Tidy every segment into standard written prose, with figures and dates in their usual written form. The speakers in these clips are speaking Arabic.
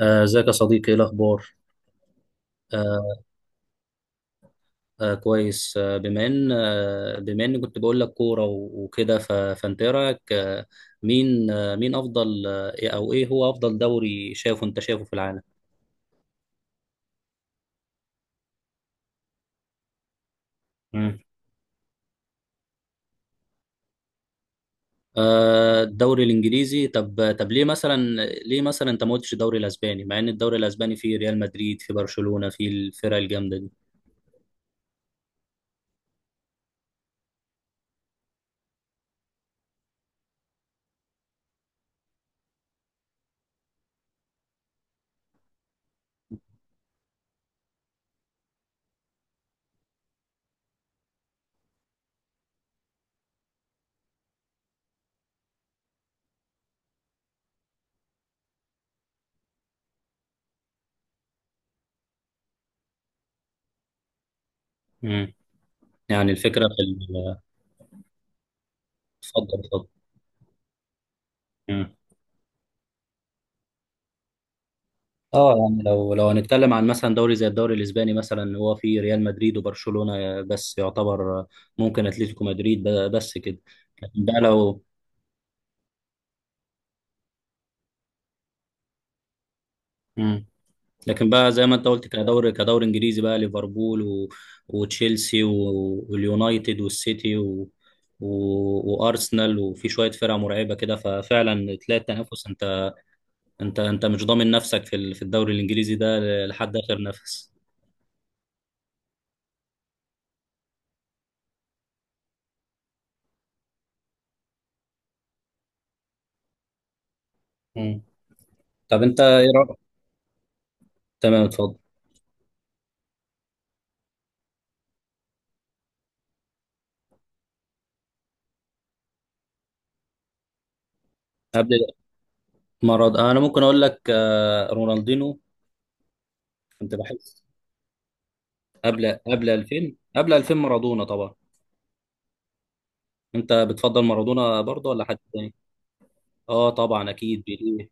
ازيك يا صديقي، ايه الاخبار؟ آه، آه، كويس. آه بما ان آه بما اني كنت بقول لك كوره وكده، فانت ايه رايك؟ مين آه مين افضل آه إيه- او ايه هو افضل دوري انت شايفه في العالم؟ مم. الدوري الانجليزي. طب ليه مثلا؟ ليه مثلا انت ما قلتش الدوري الاسباني، مع ان الدوري الاسباني فيه ريال مدريد، فيه برشلونة، فيه الفرق الجامده دي؟ مم. يعني الفكره في اتفضل، اتفضل. اه، يعني لو هنتكلم عن مثلا دوري زي الدوري الاسباني مثلا، هو في ريال مدريد وبرشلونة بس، يعتبر ممكن اتلتيكو مدريد بس كده. لكن بقى لو... مم. لكن بقى زي ما انت قلت، كدوري، انجليزي بقى، ليفربول و وتشيلسي و واليونايتد والسيتي و و وارسنال، وفي شوية فرق مرعبة كده. ففعلا تلاقي التنافس. انت مش ضامن نفسك في في الدوري الانجليزي ده لحد اخر نفس. مم. طب انت ايه رأيك؟ تمام، اتفضل. مرض. انا ممكن اقول لك رونالدينو. كنت بحس. قبل 2000، قبل 2000 مارادونا طبعا. انت بتفضل مارادونا برضه ولا حد تاني؟ اه، طبعا اكيد بيليه.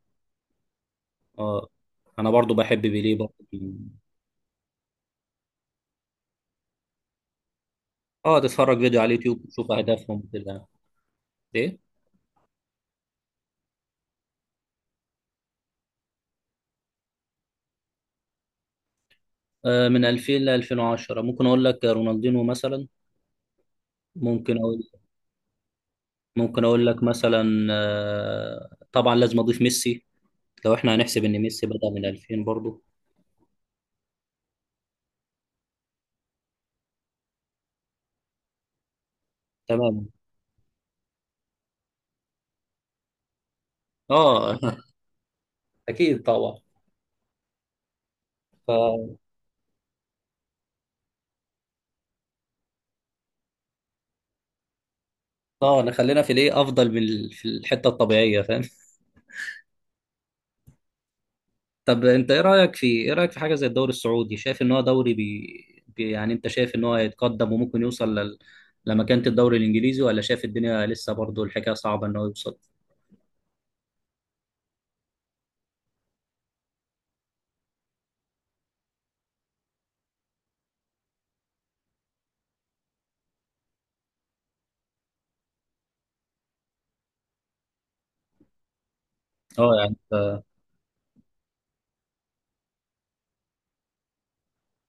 اه، انا برضه بحب بيليه برضه. اه، تتفرج فيديو على اليوتيوب تشوف اهدافهم كده. ايه؟ من 2000 ل 2010 ممكن اقول لك رونالدينو مثلا. ممكن اقول. ممكن اقول لك مثلا طبعا لازم اضيف ميسي. لو احنا هنحسب ان ميسي بدأ من 2000 برضه. تمام. اه، اكيد طبعا. ف اه، نخلينا في الايه افضل من في الحته الطبيعيه، فاهم. طب انت ايه رايك في حاجه زي الدوري السعودي؟ شايف ان هو دوري يعني انت شايف ان هو هيتقدم وممكن يوصل لمكانه الدوري الانجليزي، ولا شايف الدنيا لسه برضه الحكايه صعبه ان هو يوصل؟ اه، يعني انت...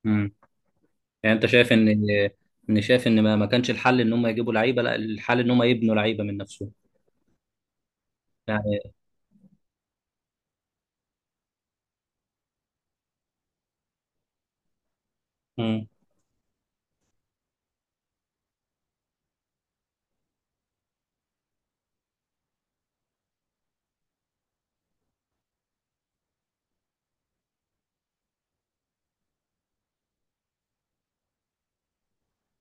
مم. يعني انت شايف ان ما كانش الحل ان هم يجيبوا لعيبه، لا الحل ان هم يبنوا لعيبه من نفسهم. يعني... مم.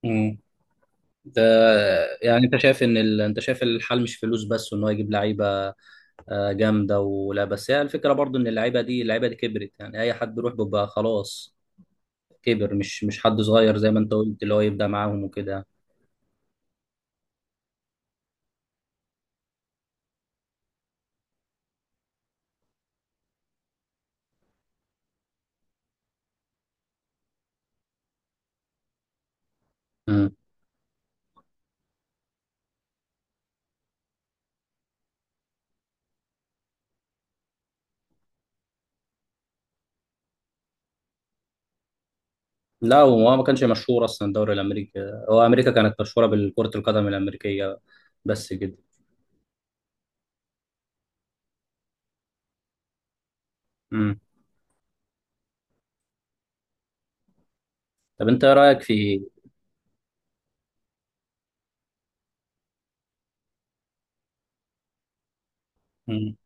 مم. ده... يعني انت شايف انت شايف الحل مش فلوس بس، وان هو يجيب لعيبه جامده، ولا بس هي الفكره برضو ان اللعيبه دي كبرت، يعني اي حد يروح بيبقى خلاص كبر، مش حد صغير زي ما انت قلت اللي هو يبدا معاهم وكده. مم. لا، هو ما كانش مشهور اصلا الدوري الامريكي. هو امريكا كانت مشهوره بالكره القدم الامريكيه بس كده. مم. طب انت ايه رايك في... مم.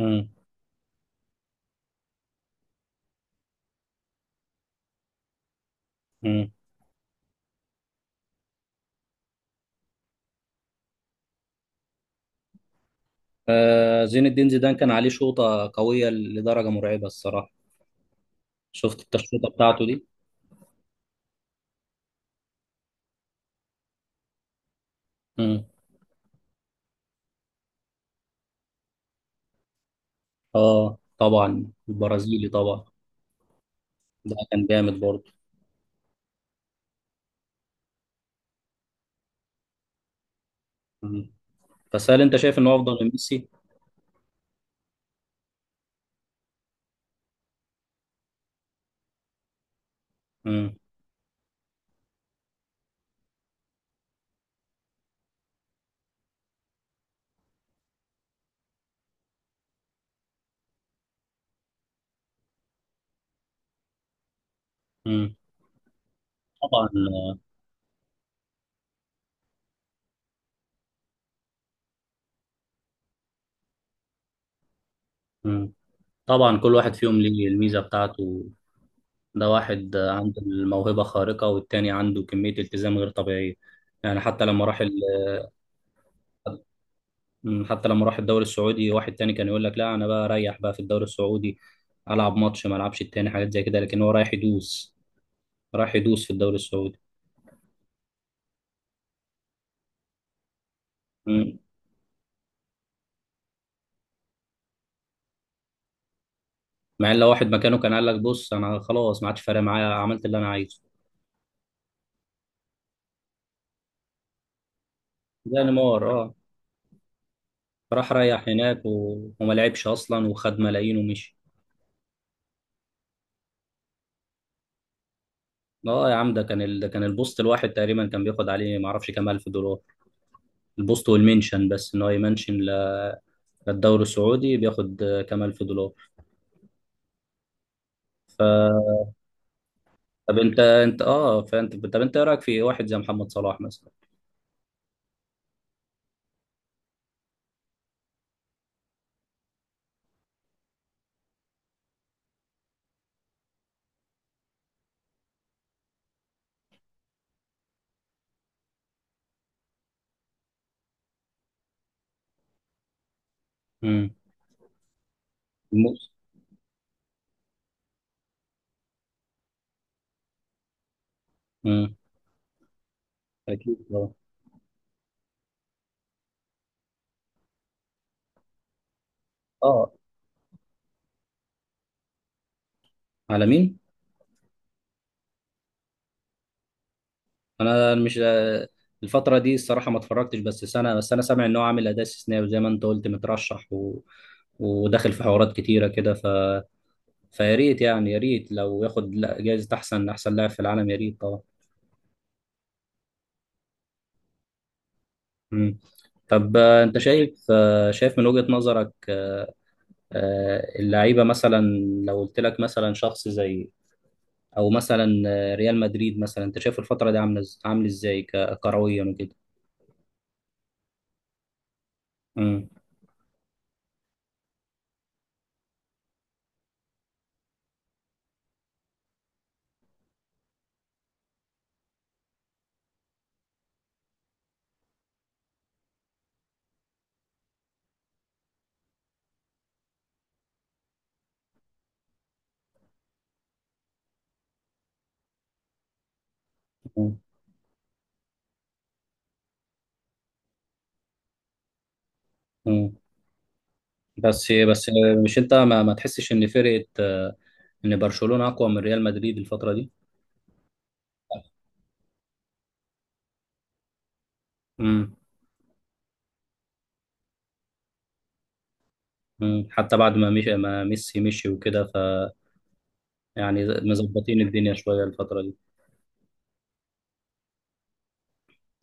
مم. مم. زين الدين زيدان كان عليه شوطه قويه لدرجه مرعبه الصراحه. شفت انت الشوطه بتاعته دي؟ مم. اه، طبعا البرازيلي طبعا. ده كان جامد. برضه. بس هل انت شايف انه افضل من ميسي؟ امم امم. طبعا. امم. طبعا كل واحد فيهم ليه الميزه بتاعته. ده واحد عنده الموهبه خارقه والتاني عنده كميه التزام غير طبيعيه. يعني حتى لما راح حتى لما راح الدوري السعودي واحد تاني كان يقول لك لا، انا بقى اريح بقى في الدوري السعودي، العب ماتش ما العبش التاني، حاجات زي كده، لكن هو رايح يدوس، رايح يدوس في الدوري السعودي. مم. مع ان لو واحد مكانه كان قال لك بص انا خلاص، ما عادش فارق معايا، عملت اللي انا عايزه. زي نيمار، اه. راح ريح هناك و وما لعبش اصلا وخد ملايين ومشي. اه، يا عم، ده كان البوست الواحد تقريبا كان بياخد عليه ما اعرفش كام الف دولار. البوست والمنشن، بس ان هو يمنشن للدوري السعودي، بياخد كام الف دولار. ف طب انت انت اه فانت طب انت ايه رايك في واحد زي محمد صلاح مثلا؟ امم. الموس امم. اكيد طبعا. اه. على مين؟ انا مش الفتره دي الصراحه ما اتفرجتش بس سنه، بس انا سامع ان هو عامل اداء استثنائي، وزي ما انت قلت مترشح و وداخل في حوارات كتيره كده. ف فيا ريت يعني، يا ريت لو ياخد جايزه احسن لاعب في العالم، يا ريت طبعا. مم. طب انت شايف من وجهه نظرك اللعيبه مثلا. لو قلت لك مثلا شخص زي، او مثلا ريال مدريد مثلا، انت شايف الفتره دي عامله عامل ازاي كرويا وكده. مم. مم. بس، مش انت ما تحسش ان فرقه ان برشلونه اقوى من ريال مدريد الفتره دي؟ امم. امم، حتى بعد ما مش ما ميسي مشي وكده، فيعني مظبطين الدنيا شويه الفتره دي.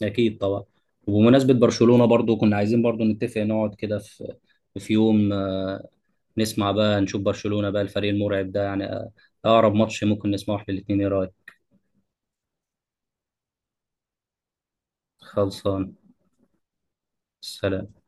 اكيد طبعا. وبمناسبه برشلونه برضو، كنا عايزين برضو نتفق نقعد كده في، في يوم نسمع بقى، نشوف برشلونه بقى الفريق المرعب ده يعني اقرب ماتش ممكن نسمعه احنا الاثنين، ايه رايك؟ خلصان. سلام.